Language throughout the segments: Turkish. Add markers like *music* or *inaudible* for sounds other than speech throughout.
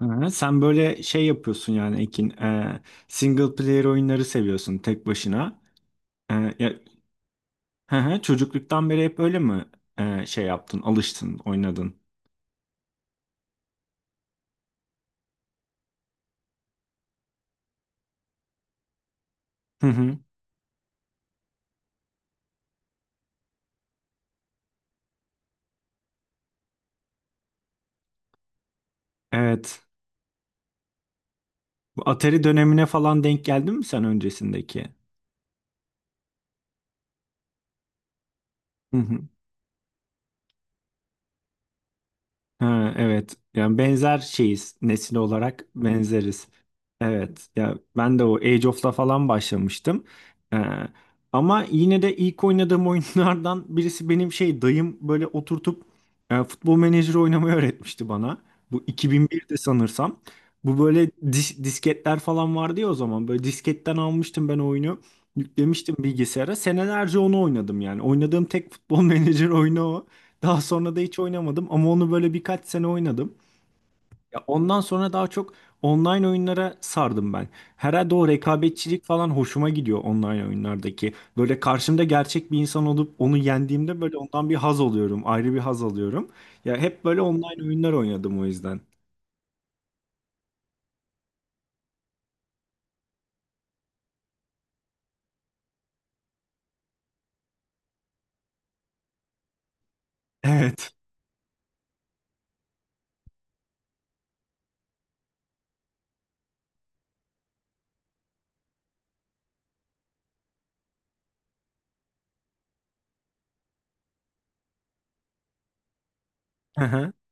Hı, Sen böyle şey yapıyorsun yani Ekin, single player oyunları seviyorsun tek başına. Ya, hı hı, çocukluktan beri hep öyle mi şey yaptın, alıştın, oynadın? Hı hı, evet. Bu Atari dönemine falan denk geldin mi sen öncesindeki? Hı hı. Ha, evet. Yani benzer şeyiz nesil olarak benzeriz. Evet. Ya ben de o Age of'la falan başlamıştım. Ee, ama yine de ilk oynadığım *laughs* oyunlardan birisi benim şey dayım böyle oturtup futbol menajeri oynamayı öğretmişti bana. Bu 2001'de sanırsam. Bu böyle disketler falan vardı ya o zaman. Böyle disketten almıştım ben oyunu. Yüklemiştim bilgisayara. Senelerce onu oynadım yani. Oynadığım tek futbol *laughs* menajeri oyunu o. Daha sonra da hiç oynamadım ama onu böyle birkaç sene oynadım. Ya ondan sonra daha çok online oyunlara sardım ben. Herhalde o rekabetçilik falan hoşuma gidiyor online oyunlardaki. Böyle karşımda gerçek bir insan olup onu yendiğimde böyle ondan bir haz alıyorum. Ayrı bir haz alıyorum. Ya hep böyle online oyunlar oynadım o yüzden. Evet. *laughs*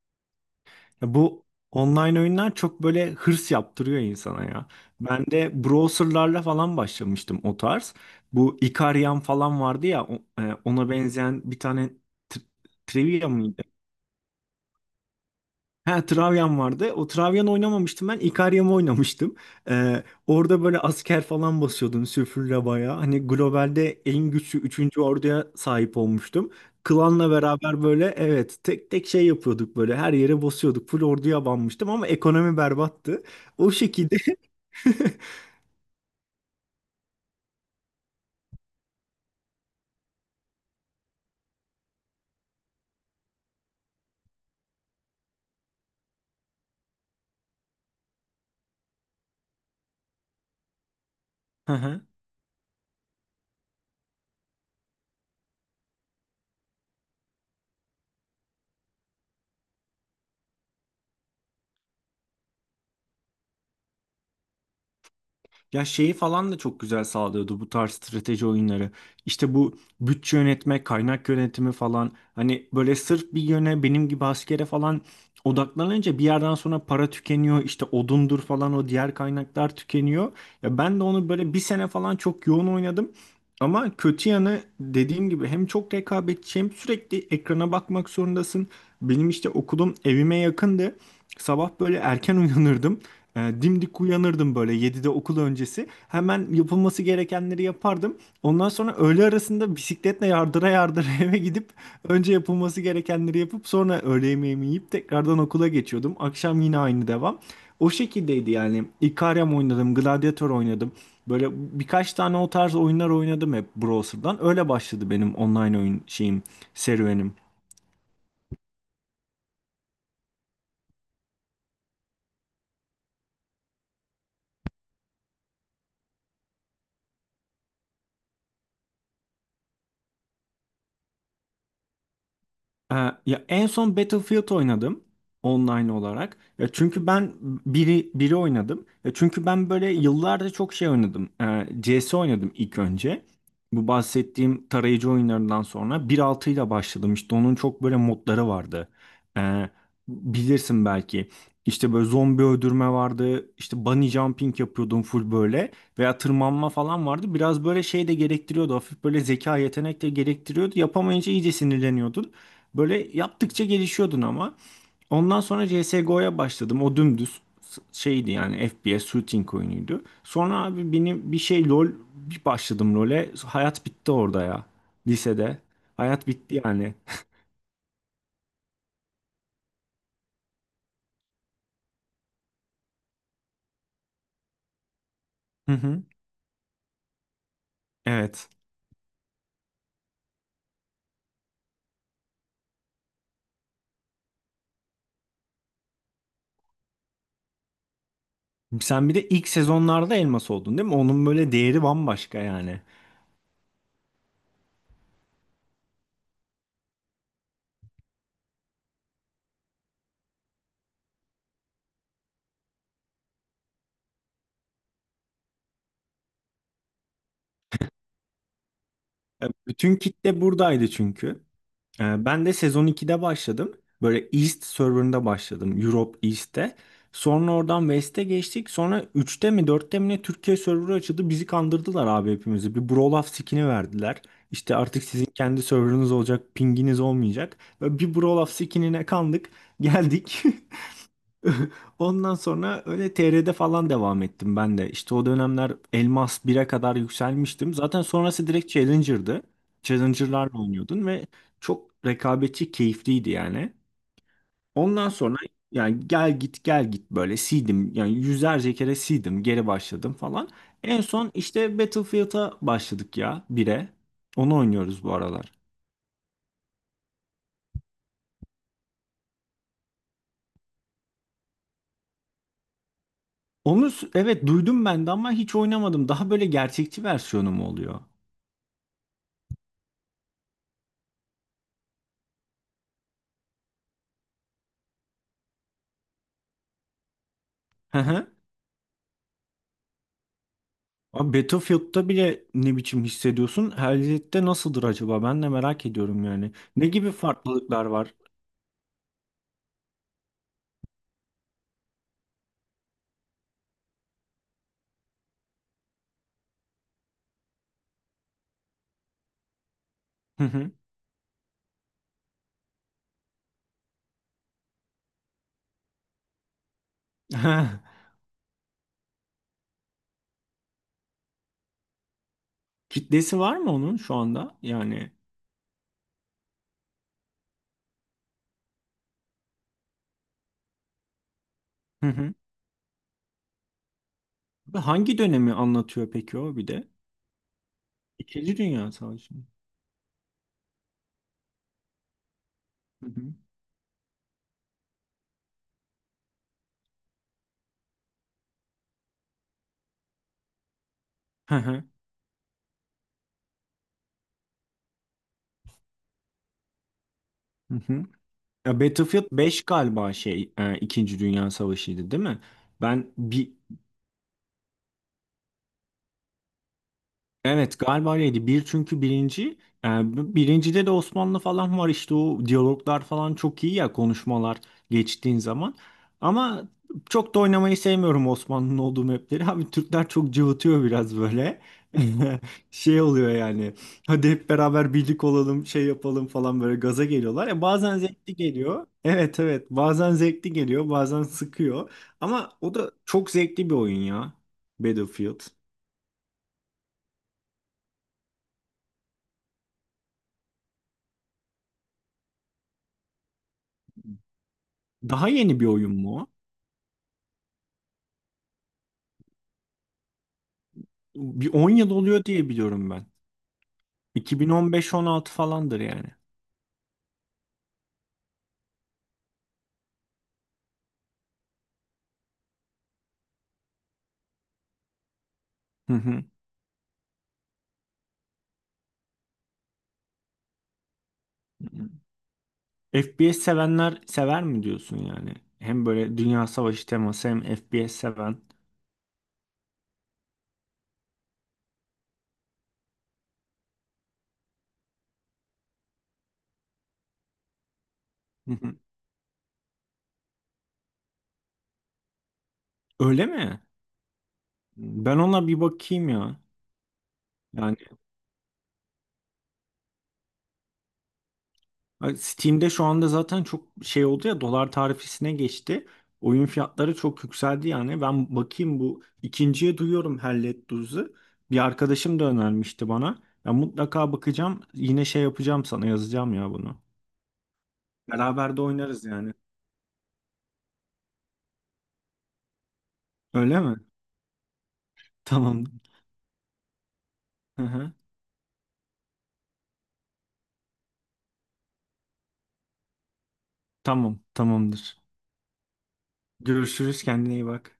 Ya bu online oyunlar çok böyle hırs yaptırıyor insana ya. Ben de browserlarla falan başlamıştım o tarz. Bu Ikariam falan vardı ya ona benzeyen bir tane tri- trivia mı? Ha, Travyan vardı. O Travyan oynamamıştım ben. Ikariam'ı oynamıştım. Orada böyle asker falan basıyordun süfürle bayağı. Hani globalde en güçlü üçüncü orduya sahip olmuştum. Klanla beraber böyle evet tek tek şey yapıyorduk, böyle her yere basıyorduk. Full orduya banmıştım ama ekonomi berbattı. O şekilde. *laughs* Ya şeyi falan da çok güzel sağlıyordu bu tarz strateji oyunları. İşte bu bütçe yönetme, kaynak yönetimi falan. Hani böyle sırf bir yöne benim gibi askere falan odaklanınca bir yerden sonra para tükeniyor. İşte odundur falan o diğer kaynaklar tükeniyor. Ya ben de onu böyle bir sene falan çok yoğun oynadım. Ama kötü yanı dediğim gibi hem çok rekabetçi hem sürekli ekrana bakmak zorundasın. Benim işte okulum evime yakındı. Sabah böyle erken *laughs* uyanırdım. Dimdik uyanırdım böyle 7'de okul öncesi. Hemen yapılması gerekenleri yapardım. Ondan sonra öğle arasında bisikletle yardıra yardıra *laughs* eve gidip önce yapılması gerekenleri yapıp sonra öğle yemeğimi yiyip tekrardan okula geçiyordum. Akşam yine aynı devam. O şekildeydi yani. Ikariam oynadım, Gladiator oynadım. Böyle birkaç tane o tarz oyunlar oynadım hep browser'dan. Öyle başladı benim online oyun şeyim, serüvenim. Ee, ya en son Battlefield oynadım online olarak. Ya çünkü ben biri biri oynadım. Ya çünkü ben böyle yıllarda çok şey oynadım. CS oynadım ilk önce. Bu bahsettiğim tarayıcı oyunlarından sonra 1.6 ile başladım. İşte onun çok böyle modları vardı. Ee, Bilirsin belki. İşte böyle zombi öldürme vardı. İşte bunny jumping yapıyordum full böyle. Veya tırmanma falan vardı. Biraz böyle şey de gerektiriyordu. Hafif böyle zeka yetenek de gerektiriyordu. Yapamayınca iyice sinirleniyordun. Böyle yaptıkça gelişiyordun ama. Ondan sonra CSGO'ya başladım. O dümdüz şeydi yani FPS shooting oyunuydu. Sonra abi benim bir şey LoL, bir başladım LoL'e. Hayat bitti orada ya. Lisede. Hayat bitti yani. Hı hı. Evet. Sen bir de ilk sezonlarda elmas oldun değil mi? Onun böyle değeri bambaşka yani. Bütün kitle buradaydı çünkü. Ben de sezon 2'de başladım. Böyle East serverında başladım. Europe East'te. Sonra oradan West'e geçtik. Sonra üçte mi dörtte mi ne Türkiye serverı açıldı. Bizi kandırdılar abi hepimizi. Bir Brolaf skin'i verdiler. İşte artık sizin kendi serverınız olacak. Pinginiz olmayacak. Böyle bir Brolaf skin'ine kandık. Geldik. *laughs* *laughs* Ondan sonra öyle TR'de falan devam ettim ben de. İşte o dönemler Elmas bire kadar yükselmiştim. Zaten sonrası direkt Challenger'dı. Challenger'larla oynuyordun ve çok rekabetçi, keyifliydi yani. Ondan sonra yani gel git gel git böyle sildim. Yani yüzlerce kere sildim, geri başladım falan. En son işte Battlefield'a başladık ya bire. Onu oynuyoruz bu aralar. Onu evet, duydum ben de ama hiç oynamadım. Daha böyle gerçekçi versiyonu mu oluyor? *laughs* Abi Battlefield'da bile ne biçim hissediyorsun? Hell'de nasıldır acaba? Ben de merak ediyorum yani. Ne gibi farklılıklar var? Hı hı. *laughs* Kitlesi var mı onun şu anda? Yani hı hı. Hangi dönemi anlatıyor peki o bir de? İkinci Dünya Savaşı mı? Hı hı. Hı hı. Hı hı. Ya Battlefield 5 galiba şey İkinci Dünya Savaşı'ydı değil mi? Ben bir. Evet, galiba öyleydi. Bir çünkü birinci. e, Birincide de Osmanlı falan var, işte o diyaloglar falan çok iyi ya konuşmalar geçtiğin zaman. Ama çok da oynamayı sevmiyorum Osmanlı'nın olduğu mapleri. *laughs* Abi Türkler çok cıvıtıyor biraz böyle. *laughs* Şey oluyor yani. Hadi hep beraber birlik olalım, şey yapalım falan, böyle gaza geliyorlar. Ya bazen zevkli geliyor. Evet, evet. Bazen zevkli geliyor, bazen sıkıyor. Ama o da çok zevkli bir oyun ya. Battlefield. Daha yeni bir oyun mu o? Bir 10 yıl oluyor diye biliyorum ben. 2015-16 falandır yani. Hı hı. Hı. FPS sevenler sever mi diyorsun yani? Hem böyle Dünya Savaşı teması hem FPS seven. Hı hı. Öyle mi? Ben ona bir bakayım ya. Yani. Ay, Steam'de şu anda zaten çok şey oldu ya, dolar tarifesine geçti. Oyun fiyatları çok yükseldi yani. Ben bakayım, bu ikinciye duyuyorum Hellet Duz'u. Bir arkadaşım da önermişti bana. Ben mutlaka bakacağım. Yine şey yapacağım, sana yazacağım ya bunu. Beraber de oynarız yani. Öyle mi? Tamam. Hı hı. Tamam, tamamdır. Görüşürüz, kendine iyi bak.